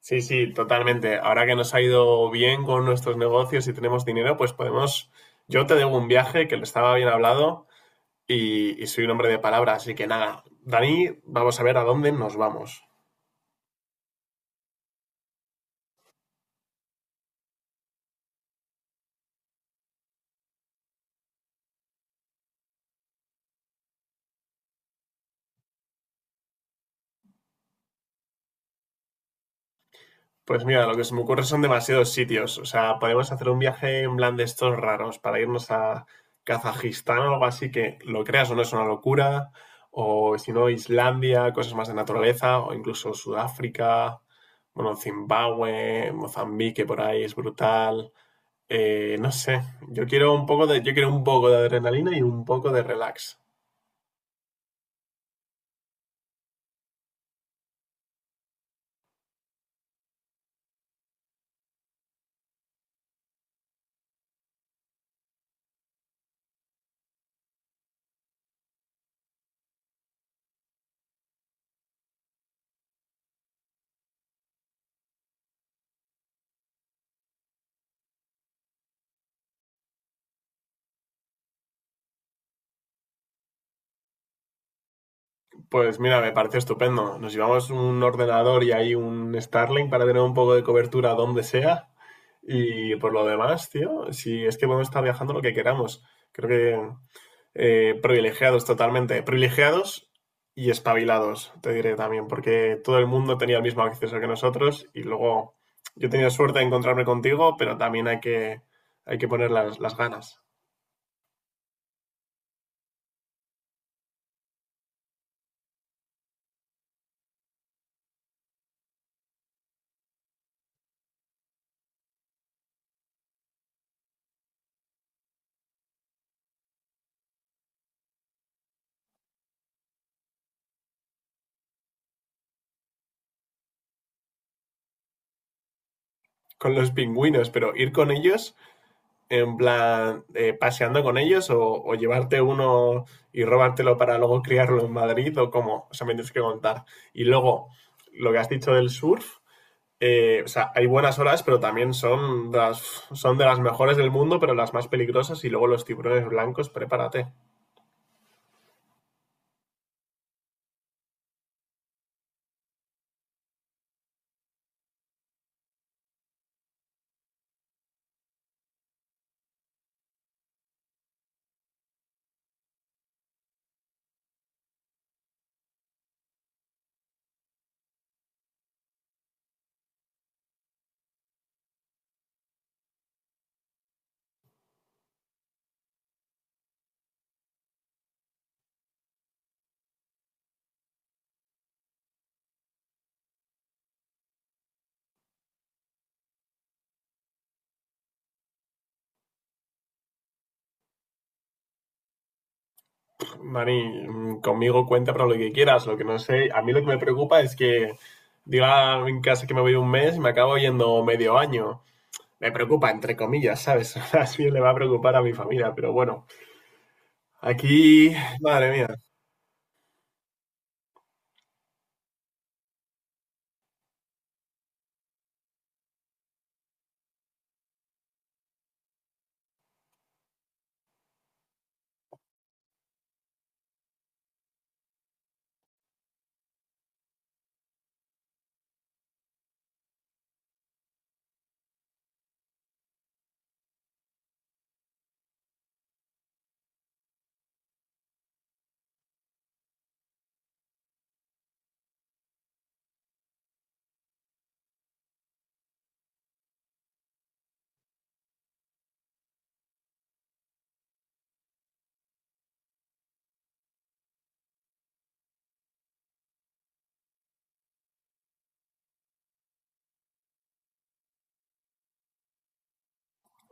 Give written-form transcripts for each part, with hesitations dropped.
Sí, sí, totalmente. Ahora que nos ha ido bien con nuestros negocios y tenemos dinero, pues podemos. Yo te debo un viaje que le estaba bien hablado y soy un hombre de palabra, así que nada. Dani, vamos a ver a dónde nos vamos. Pues mira, lo que se me ocurre son demasiados sitios. O sea, podemos hacer un viaje en plan de estos raros para irnos a Kazajistán o algo así que lo creas o no es una locura. O si no, Islandia, cosas más de naturaleza, o incluso Sudáfrica, bueno, Zimbabue, Mozambique por ahí es brutal. No sé, yo quiero un poco de adrenalina y un poco de relax. Pues mira, me parece estupendo. Nos llevamos un ordenador y ahí un Starlink para tener un poco de cobertura donde sea. Y por lo demás, tío, si es que podemos estar viajando lo que queramos. Creo que privilegiados totalmente. Privilegiados y espabilados, te diré también, porque todo el mundo tenía el mismo acceso que nosotros y luego yo he tenido suerte de encontrarme contigo, pero también hay que poner las ganas. Con los pingüinos, pero ir con ellos en plan paseando con ellos o llevarte uno y robártelo para luego criarlo en Madrid o ¿cómo? O sea, me tienes que contar. Y luego, lo que has dicho del surf, o sea, hay buenas olas, pero también son de las mejores del mundo, pero las más peligrosas. Y luego los tiburones blancos, prepárate. Mani, conmigo cuenta para lo que quieras. Lo que no sé, a mí lo que me preocupa es que diga en casa que me voy un mes y me acabo yendo medio año. Me preocupa, entre comillas, ¿sabes? Así le va a preocupar a mi familia, pero bueno, aquí, madre mía.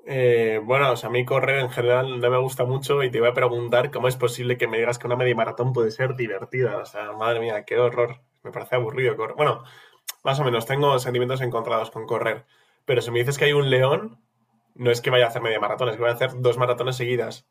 Bueno, o sea, a mí correr en general no me gusta mucho y te iba a preguntar cómo es posible que me digas que una media maratón puede ser divertida. O sea, madre mía, qué horror. Me parece aburrido correr. Bueno, más o menos, tengo sentimientos encontrados con correr. Pero si me dices que hay un león, no es que vaya a hacer media maratón, es que voy a hacer dos maratones seguidas.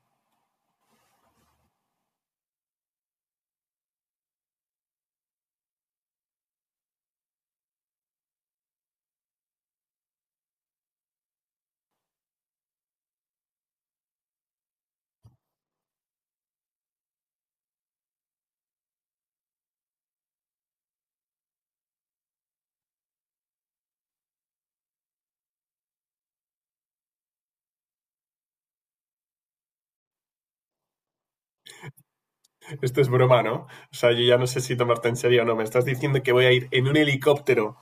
Esto es broma, ¿no? O sea, yo ya no sé si tomarte en serio o no. Me estás diciendo que voy a ir en un helicóptero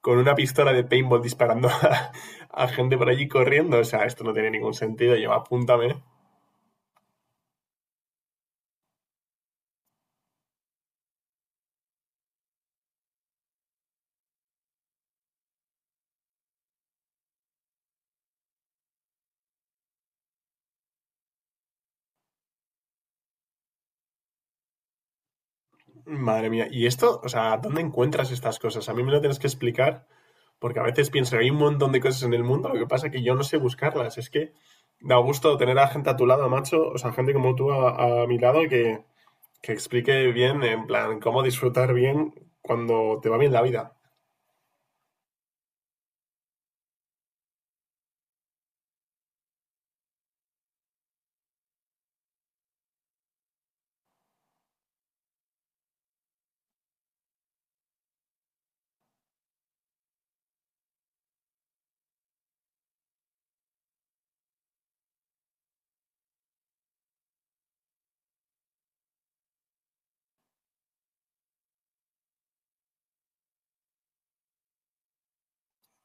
con una pistola de paintball disparando a gente por allí corriendo. O sea, esto no tiene ningún sentido. Yo, apúntame. Madre mía. ¿Y esto? O sea, ¿dónde encuentras estas cosas? A mí me lo tienes que explicar, porque a veces pienso que hay un montón de cosas en el mundo, lo que pasa es que yo no sé buscarlas. Es que da gusto tener a gente a tu lado, macho, o sea, gente como tú a mi lado que explique bien, en plan, cómo disfrutar bien cuando te va bien la vida.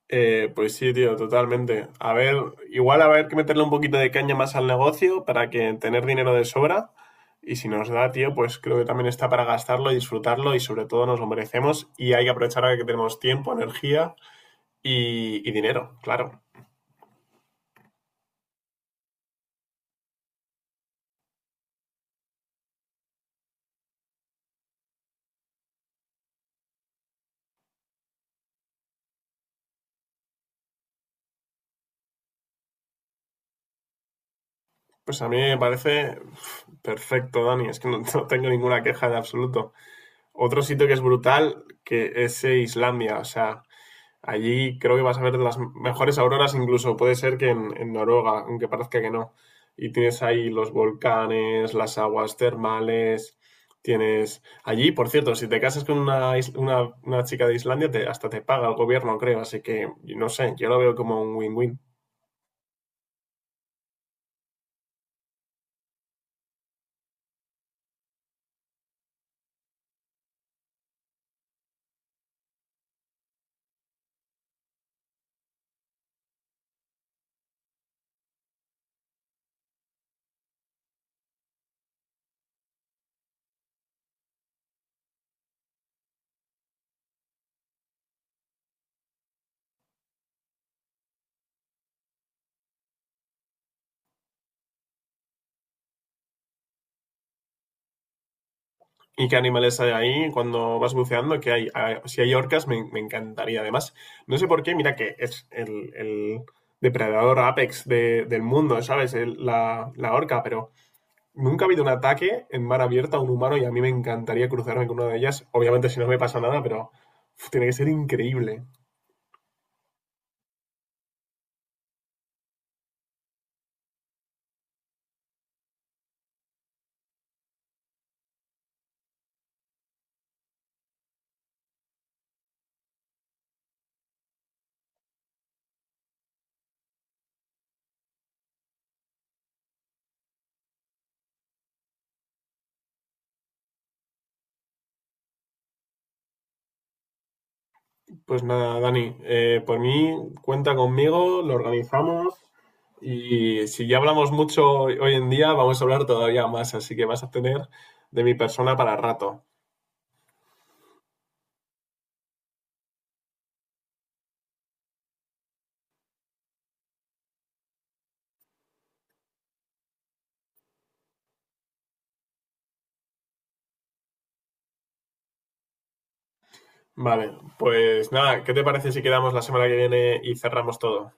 Pues sí, tío, totalmente. A ver, igual a ver que meterle un poquito de caña más al negocio para que tener dinero de sobra. Y si nos da, tío, pues creo que también está para gastarlo, disfrutarlo y sobre todo nos lo merecemos. Y hay que aprovechar ahora que tenemos tiempo, energía y dinero, claro. Pues a mí me parece uf, perfecto, Dani. Es que no, no tengo ninguna queja de absoluto. Otro sitio que es brutal, que es Islandia. O sea, allí creo que vas a ver las mejores auroras, incluso puede ser que en Noruega, aunque parezca que no. Y tienes ahí los volcanes, las aguas termales, tienes allí, por cierto, si te casas con una chica de Islandia, hasta te paga el gobierno, creo, así que no sé, yo lo veo como un win-win. ¿Y qué animales hay ahí cuando vas buceando? Que hay, ah, si hay orcas, me encantaría. Además, no sé por qué, mira que es el depredador apex del mundo, ¿sabes? La orca, pero nunca ha habido un ataque en mar abierto a un humano y a mí me encantaría cruzarme con una de ellas. Obviamente, si no me pasa nada, pero uf, tiene que ser increíble. Pues nada, Dani, por mí cuenta conmigo, lo organizamos y si ya hablamos mucho hoy en día, vamos a hablar todavía más, así que vas a tener de mi persona para rato. Vale, pues nada, ¿qué te parece si quedamos la semana que viene y cerramos todo?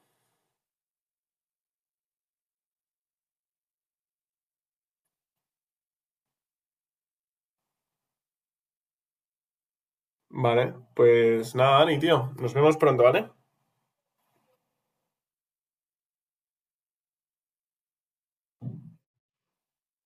Vale, pues nada, Dani, tío, nos vemos pronto, ¿vale?